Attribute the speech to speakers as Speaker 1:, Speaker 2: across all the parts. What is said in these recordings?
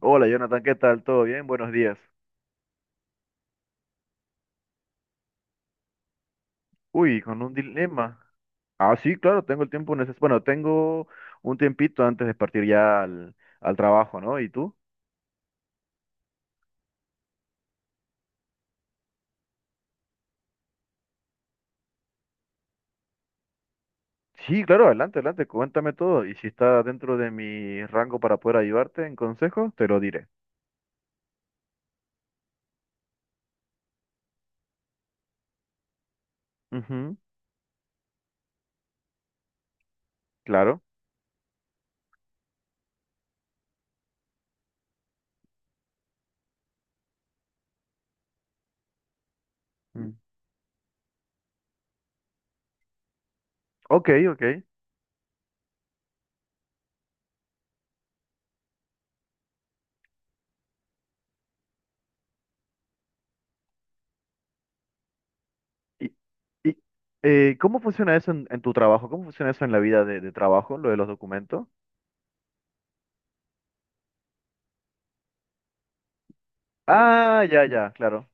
Speaker 1: Hola Jonathan, ¿qué tal? ¿Todo bien? Buenos días. Uy, con un dilema. Ah, sí, claro, tengo el tiempo necesario. Bueno, tengo un tiempito antes de partir ya al trabajo, ¿no? ¿Y tú? Sí, claro, adelante, adelante, cuéntame todo. Y si está dentro de mi rango para poder ayudarte en consejo, te lo diré. Ujú, claro. Mm. Ok, ok. ¿Y, y, cómo funciona eso en tu trabajo? ¿Cómo funciona eso en la vida de trabajo, lo de los documentos? Ah, ya, ya, claro.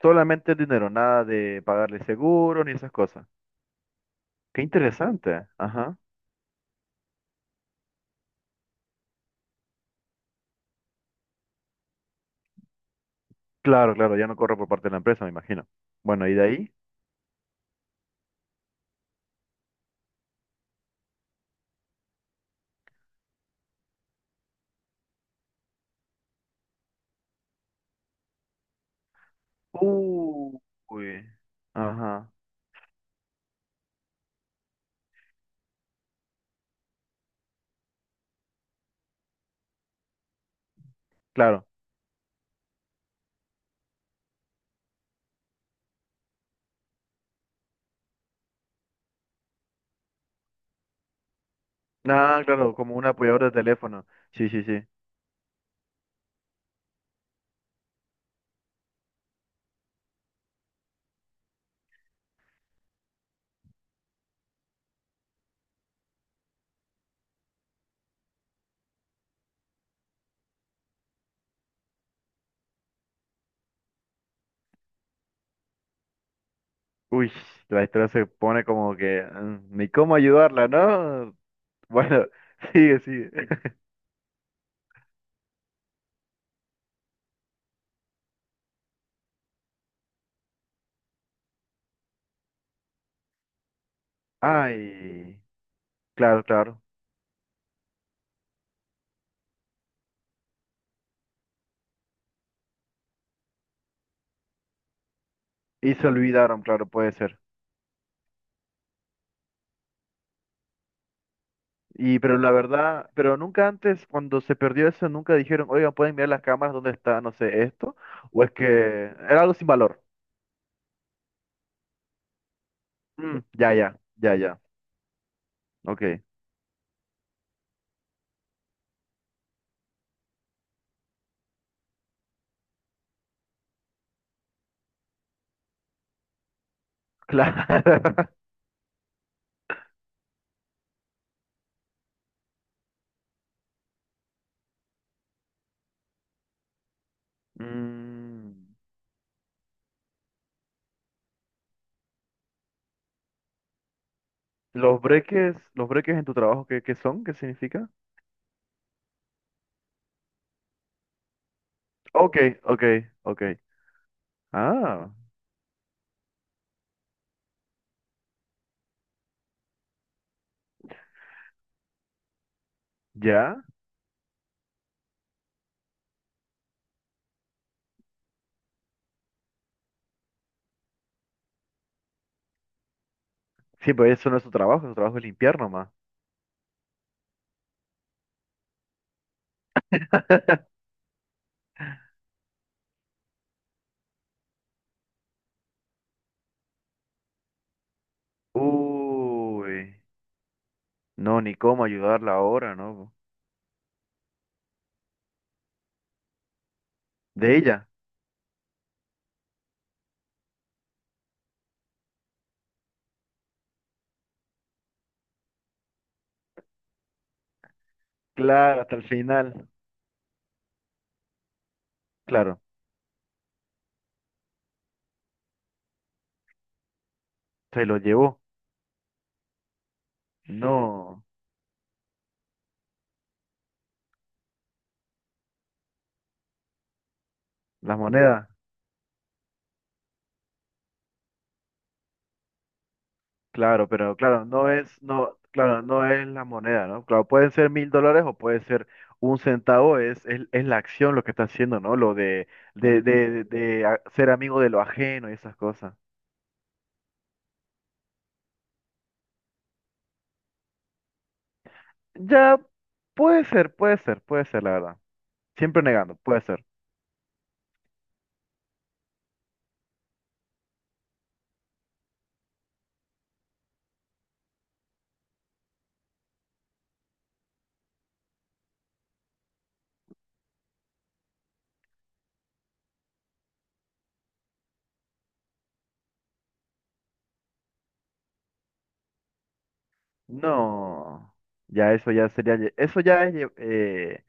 Speaker 1: Solamente el dinero, nada de pagarle seguro ni esas cosas. Qué interesante. Ajá. Claro, claro, ya no corre por parte de la empresa, me imagino. Bueno, ¿y de ahí? Uy. Ajá. Claro. Ah, claro, como un apoyador de teléfono. Sí, sí, sí. Uy, la historia se pone como que ni cómo ayudarla, ¿no? Bueno, sigue, sigue. Ay, claro, claro. Y se olvidaron, claro, puede ser. Y pero la verdad, pero nunca antes, cuando se perdió eso, nunca dijeron, oigan, ¿pueden mirar las cámaras dónde está, no sé, esto? ¿O es que era algo sin valor? Mm, ya, ya, ya, ya. Ok, claro. Mm, los breques en tu trabajo, ¿qué son? ¿Qué significa? Ok, ok, ok. Ah, ya. Sí, pero eso no es tu trabajo es limpiar nomás. Uy, no, ni cómo ayudarla ahora, ¿no? De ella, claro, hasta el final, claro, se lo llevó. No, las monedas. Claro, pero claro, no es, no, claro, no es la moneda, ¿no? Claro, pueden ser $1.000 o puede ser un centavo, es la acción lo que está haciendo, ¿no? Lo de ser amigo de lo ajeno y esas cosas. Ya, puede ser, puede ser, puede ser, la verdad. Siempre negando, puede ser. No, ya eso ya sería, eso ya es.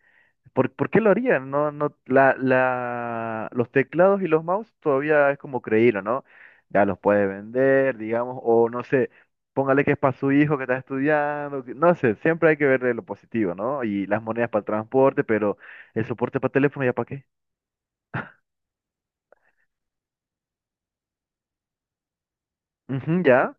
Speaker 1: ¿Por qué lo harían? No, no, los teclados y los mouse todavía es como creído, ¿no? Ya los puede vender, digamos, o no sé, póngale que es para su hijo que está estudiando, no sé, siempre hay que ver lo positivo, ¿no? Y las monedas para el transporte, pero el soporte para teléfono, ¿ya para qué? Ujú, ya,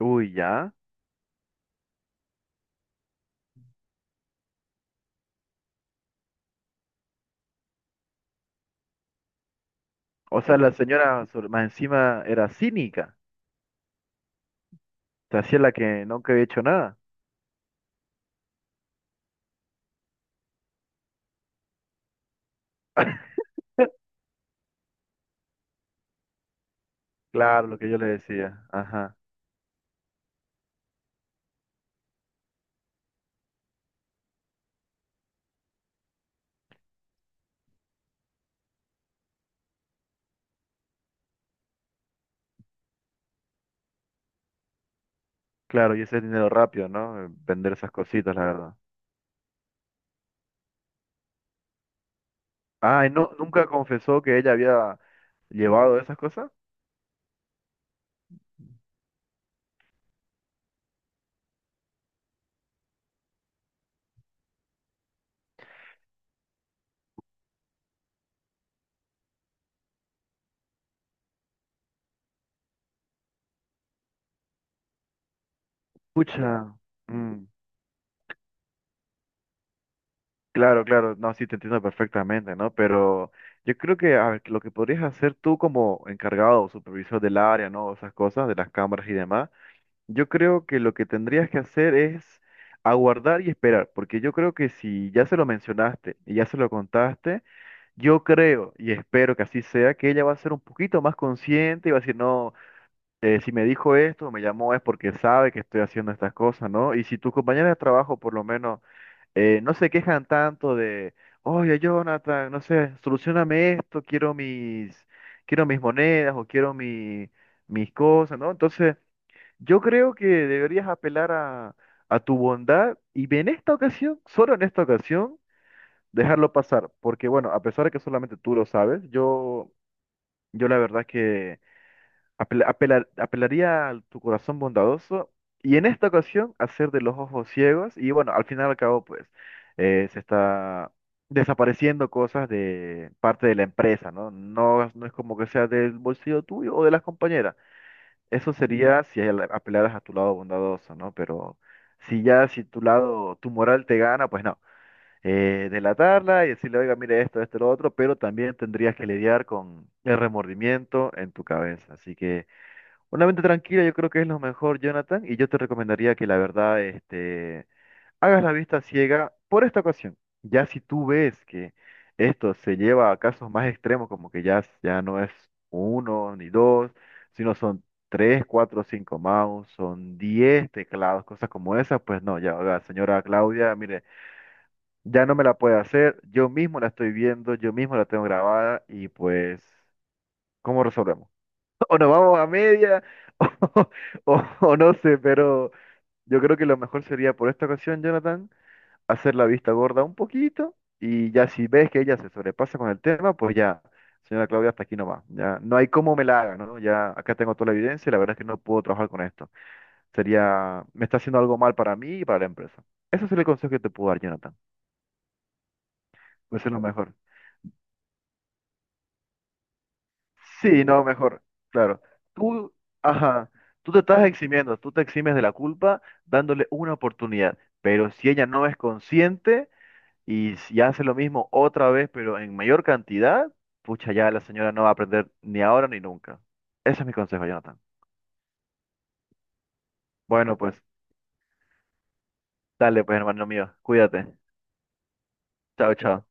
Speaker 1: uy, ya. O sea, la señora más encima era cínica, se hacía la que nunca había hecho nada. Claro, lo que yo le decía, ajá. Claro, y ese es dinero rápido, ¿no? Vender esas cositas, la verdad. Ay, no, nunca confesó que ella había llevado esas cosas. Pucha. mm, claro, claro, no, sí te entiendo perfectamente, ¿no? Pero yo creo que a ver, lo que podrías hacer tú como encargado o supervisor del área, ¿no? Esas cosas, de las cámaras y demás, yo creo que lo que tendrías que hacer es aguardar y esperar, porque yo creo que si ya se lo mencionaste y ya se lo contaste, yo creo y espero que así sea, que ella va a ser un poquito más consciente y va a decir, no. Si me dijo esto, me llamó es porque sabe que estoy haciendo estas cosas, ¿no? Y si tus compañeros de trabajo por lo menos no se quejan tanto de, oye, Jonathan, no sé, solucioname esto, quiero mis monedas o quiero mis cosas, ¿no? Entonces, yo creo que deberías apelar a tu bondad y en esta ocasión, solo en esta ocasión, dejarlo pasar, porque bueno, a pesar de que solamente tú lo sabes, yo la verdad que... Apelaría a tu corazón bondadoso y en esta ocasión hacer de los ojos ciegos y bueno, al final y al cabo pues se está desapareciendo cosas de parte de la empresa, ¿no? No, no es como que sea del bolsillo tuyo o de las compañeras. Eso sería si apelaras a tu lado bondadoso, ¿no? Pero si ya si tu lado, tu moral te gana, pues no. Delatarla y decirle, oiga, mire esto, esto, lo otro, pero también tendrías que lidiar con el remordimiento en tu cabeza. Así que... Una mente tranquila yo creo que es lo mejor, Jonathan, y yo te recomendaría que la verdad, hagas la vista ciega por esta ocasión. Ya si tú ves que esto se lleva a casos más extremos, como que ya no es uno ni dos, sino son tres, cuatro, cinco mouse, son 10 teclados, cosas como esas, pues no, ya, oiga, señora Claudia, mire, ya no me la puede hacer, yo mismo la estoy viendo, yo mismo la tengo grabada y pues, ¿cómo resolvemos? O nos vamos a media, o no sé, pero yo creo que lo mejor sería por esta ocasión, Jonathan, hacer la vista gorda un poquito y ya si ves que ella se sobrepasa con el tema, pues ya, señora Claudia, hasta aquí nomás. Ya no hay cómo me la haga, ¿no? Ya acá tengo toda la evidencia y la verdad es que no puedo trabajar con esto. Sería, me está haciendo algo mal para mí y para la empresa. Ese es el consejo que te puedo dar, Jonathan. Pues es lo mejor. Sí, no, mejor, claro. Tú, ajá, tú te estás eximiendo, tú te eximes de la culpa dándole una oportunidad, pero si ella no es consciente y si hace lo mismo otra vez, pero en mayor cantidad, pucha, ya la señora no va a aprender ni ahora ni nunca. Ese es mi consejo, Jonathan. Bueno, pues, dale, pues, hermano mío, cuídate. Chao, chao.